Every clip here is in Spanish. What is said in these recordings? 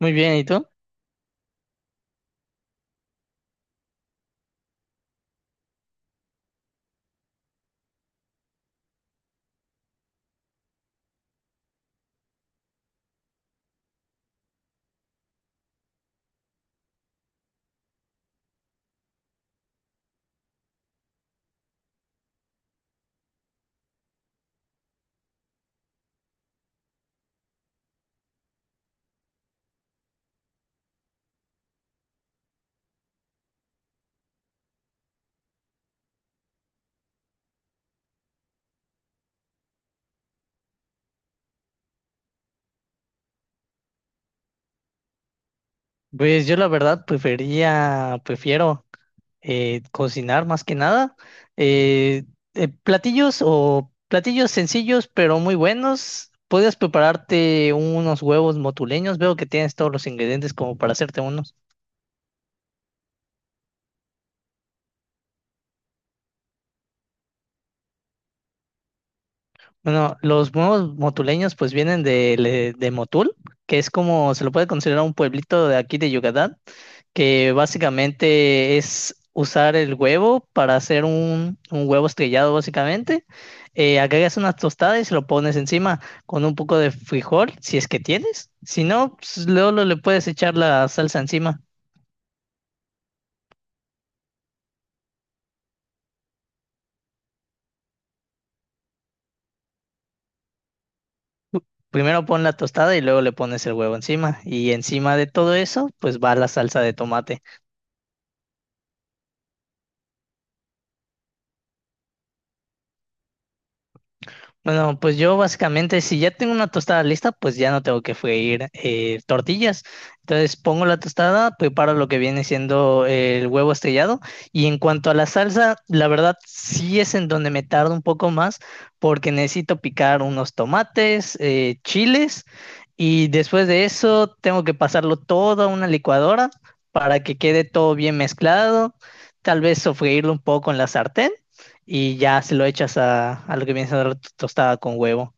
Muy bien, ¿y tú? Pues yo la verdad prefiero cocinar más que nada. Eh, Platillos o platillos sencillos pero muy buenos. Puedes prepararte unos huevos motuleños. Veo que tienes todos los ingredientes como para hacerte unos. Bueno, los huevos motuleños pues vienen de, de Motul, que es como se lo puede considerar un pueblito de aquí de Yucatán, que básicamente es usar el huevo para hacer un huevo estrellado, básicamente. Agregas unas tostadas y se lo pones encima con un poco de frijol, si es que tienes. Si no, pues, luego le puedes echar la salsa encima. Primero pon la tostada y luego le pones el huevo encima. Y encima de todo eso, pues va la salsa de tomate. Bueno, pues yo básicamente, si ya tengo una tostada lista, pues ya no tengo que freír tortillas. Entonces pongo la tostada, preparo lo que viene siendo el huevo estrellado. Y en cuanto a la salsa, la verdad sí es en donde me tardo un poco más porque necesito picar unos tomates, chiles, y después de eso tengo que pasarlo todo a una licuadora para que quede todo bien mezclado. Tal vez sofreírlo un poco en la sartén y ya se lo echas a lo que viene siendo tostada con huevo.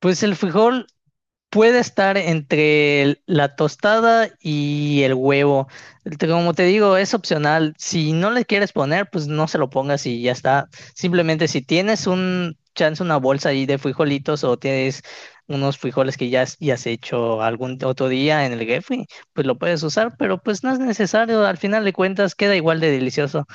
Pues el frijol puede estar entre la tostada y el huevo. Como te digo, es opcional. Si no le quieres poner, pues no se lo pongas y ya está. Simplemente si tienes un chance, una bolsa ahí de frijolitos o tienes unos frijoles que ya, ya has hecho algún otro día en el refri, pues lo puedes usar, pero pues no es necesario. Al final de cuentas, queda igual de delicioso.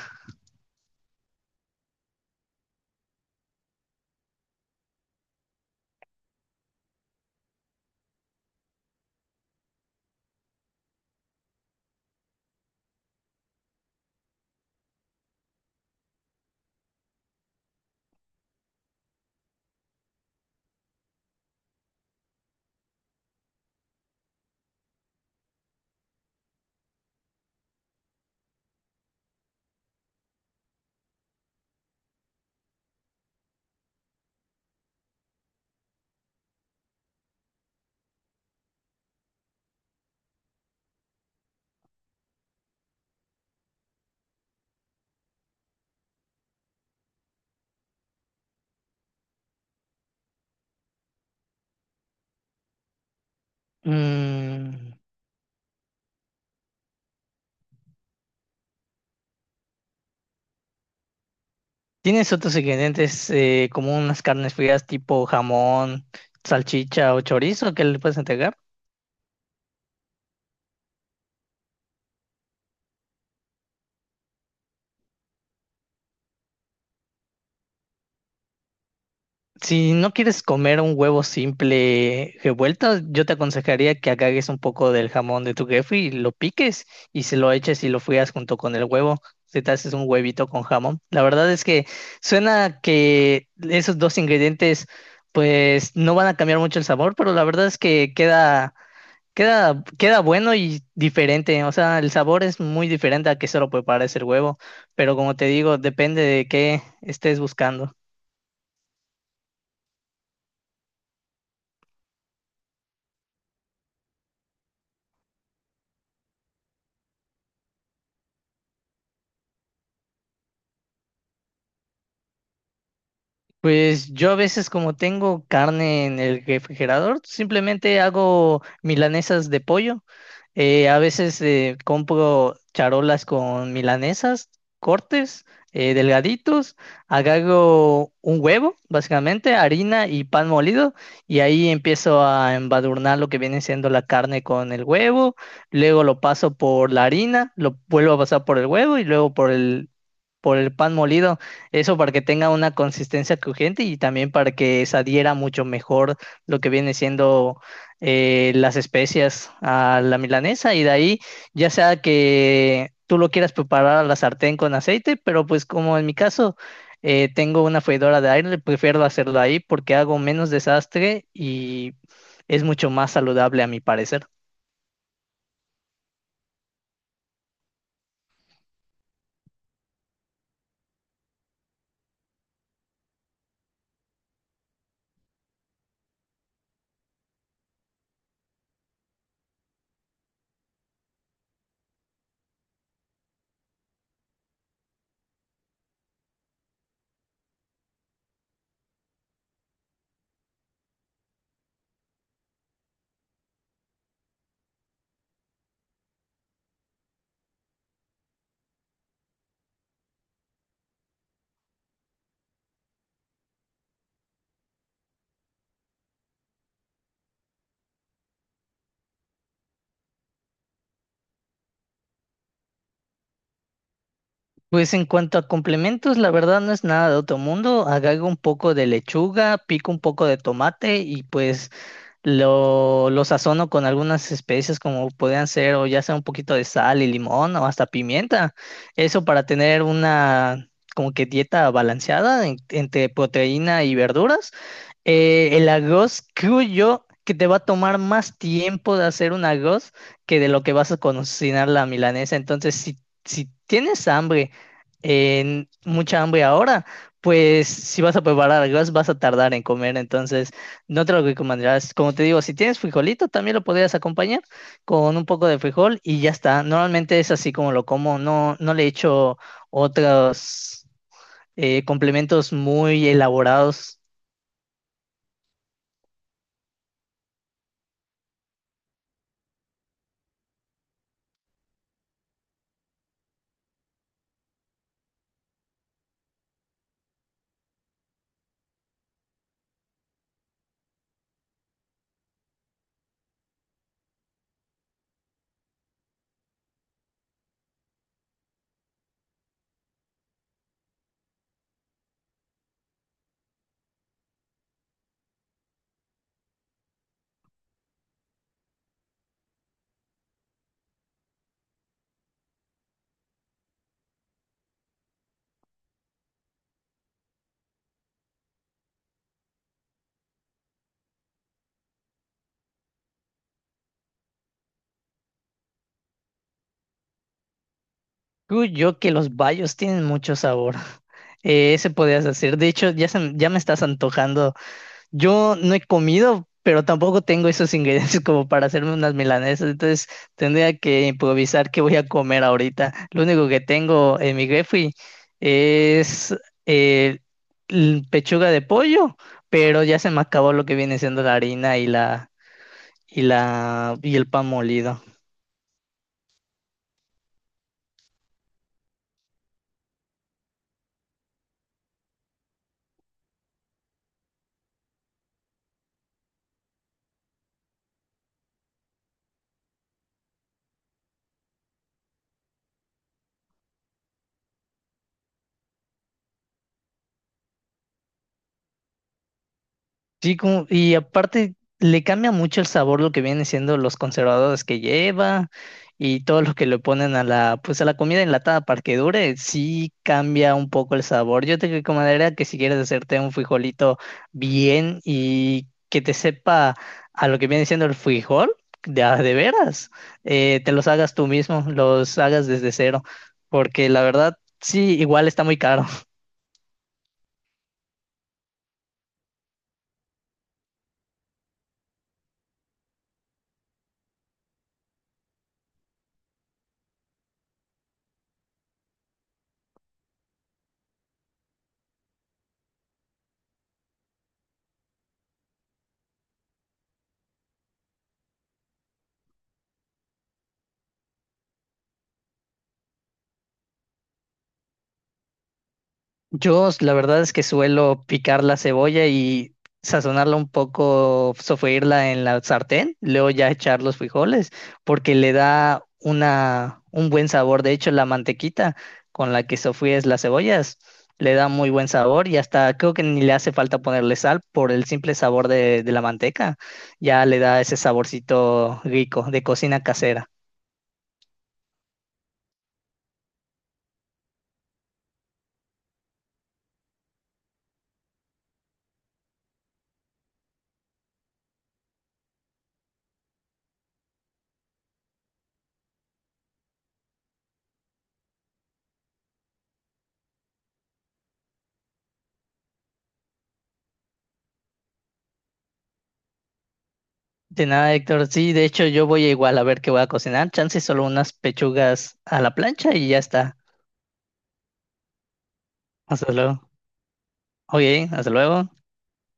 Mm, ¿Tienes otros ingredientes como unas carnes frías tipo jamón, salchicha o chorizo que le puedes entregar? Si no quieres comer un huevo simple revuelto, yo te aconsejaría que agarres un poco del jamón de tu jefe y lo piques y se lo eches y lo frías junto con el huevo. Si te haces un huevito con jamón. La verdad es que suena que esos dos ingredientes pues no van a cambiar mucho el sabor, pero la verdad es que queda. Queda bueno y diferente, o sea, el sabor es muy diferente a que solo prepares el huevo, pero como te digo, depende de qué estés buscando. Pues yo a veces como tengo carne en el refrigerador, simplemente hago milanesas de pollo. A veces compro charolas con milanesas, cortes delgaditos, agarro un huevo, básicamente, harina y pan molido, y ahí empiezo a embadurnar lo que viene siendo la carne con el huevo, luego lo paso por la harina, lo vuelvo a pasar por el huevo y luego por el pan molido, eso para que tenga una consistencia crujiente y también para que se adhiera mucho mejor lo que viene siendo las especias a la milanesa, y de ahí ya sea que tú lo quieras preparar a la sartén con aceite, pero pues como en mi caso tengo una freidora de aire, prefiero hacerlo ahí porque hago menos desastre y es mucho más saludable a mi parecer. Pues en cuanto a complementos, la verdad no es nada de otro mundo. Agrego un poco de lechuga, pico un poco de tomate y pues lo sazono con algunas especias como podrían ser o ya sea un poquito de sal y limón o hasta pimienta. Eso para tener una como que dieta balanceada entre proteína y verduras. El arroz creo yo que te va a tomar más tiempo de hacer un arroz que de lo que vas a cocinar la milanesa. Entonces, si tienes hambre, en mucha hambre ahora, pues si vas a preparar arroz vas a tardar en comer. Entonces, no te lo recomendarás. Como te digo, si tienes frijolito, también lo podrías acompañar con un poco de frijol y ya está. Normalmente es así como lo como. No, no le echo otros complementos muy elaborados. Creo yo que los bayos tienen mucho sabor. Ese podrías hacer. De hecho, ya, ya me estás antojando. Yo no he comido, pero tampoco tengo esos ingredientes como para hacerme unas milanesas, entonces tendría que improvisar qué voy a comer ahorita. Lo único que tengo en mi refri es eh, pechuga de pollo, pero ya se me acabó lo que viene siendo la harina y la y el pan molido. Sí, como, y aparte le cambia mucho el sabor lo que vienen siendo los conservadores que lleva y todo lo que le ponen a la, pues a la comida enlatada para que dure, sí cambia un poco el sabor. Yo te recomendaría que si quieres hacerte un frijolito bien y que te sepa a lo que viene siendo el frijol, de a de veras, te los hagas tú mismo, los hagas desde cero, porque la verdad sí, igual está muy caro. Yo la verdad es que suelo picar la cebolla y sazonarla un poco, sofreírla en la sartén, luego ya echar los frijoles, porque le da una, un buen sabor. De hecho, la mantequita con la que sofríes las cebollas le da muy buen sabor y hasta creo que ni le hace falta ponerle sal por el simple sabor de la manteca. Ya le da ese saborcito rico de cocina casera. De nada, Héctor. Sí, de hecho yo voy igual a ver qué voy a cocinar. Chance solo unas pechugas a la plancha y ya está. Hasta luego. Oye, hasta luego.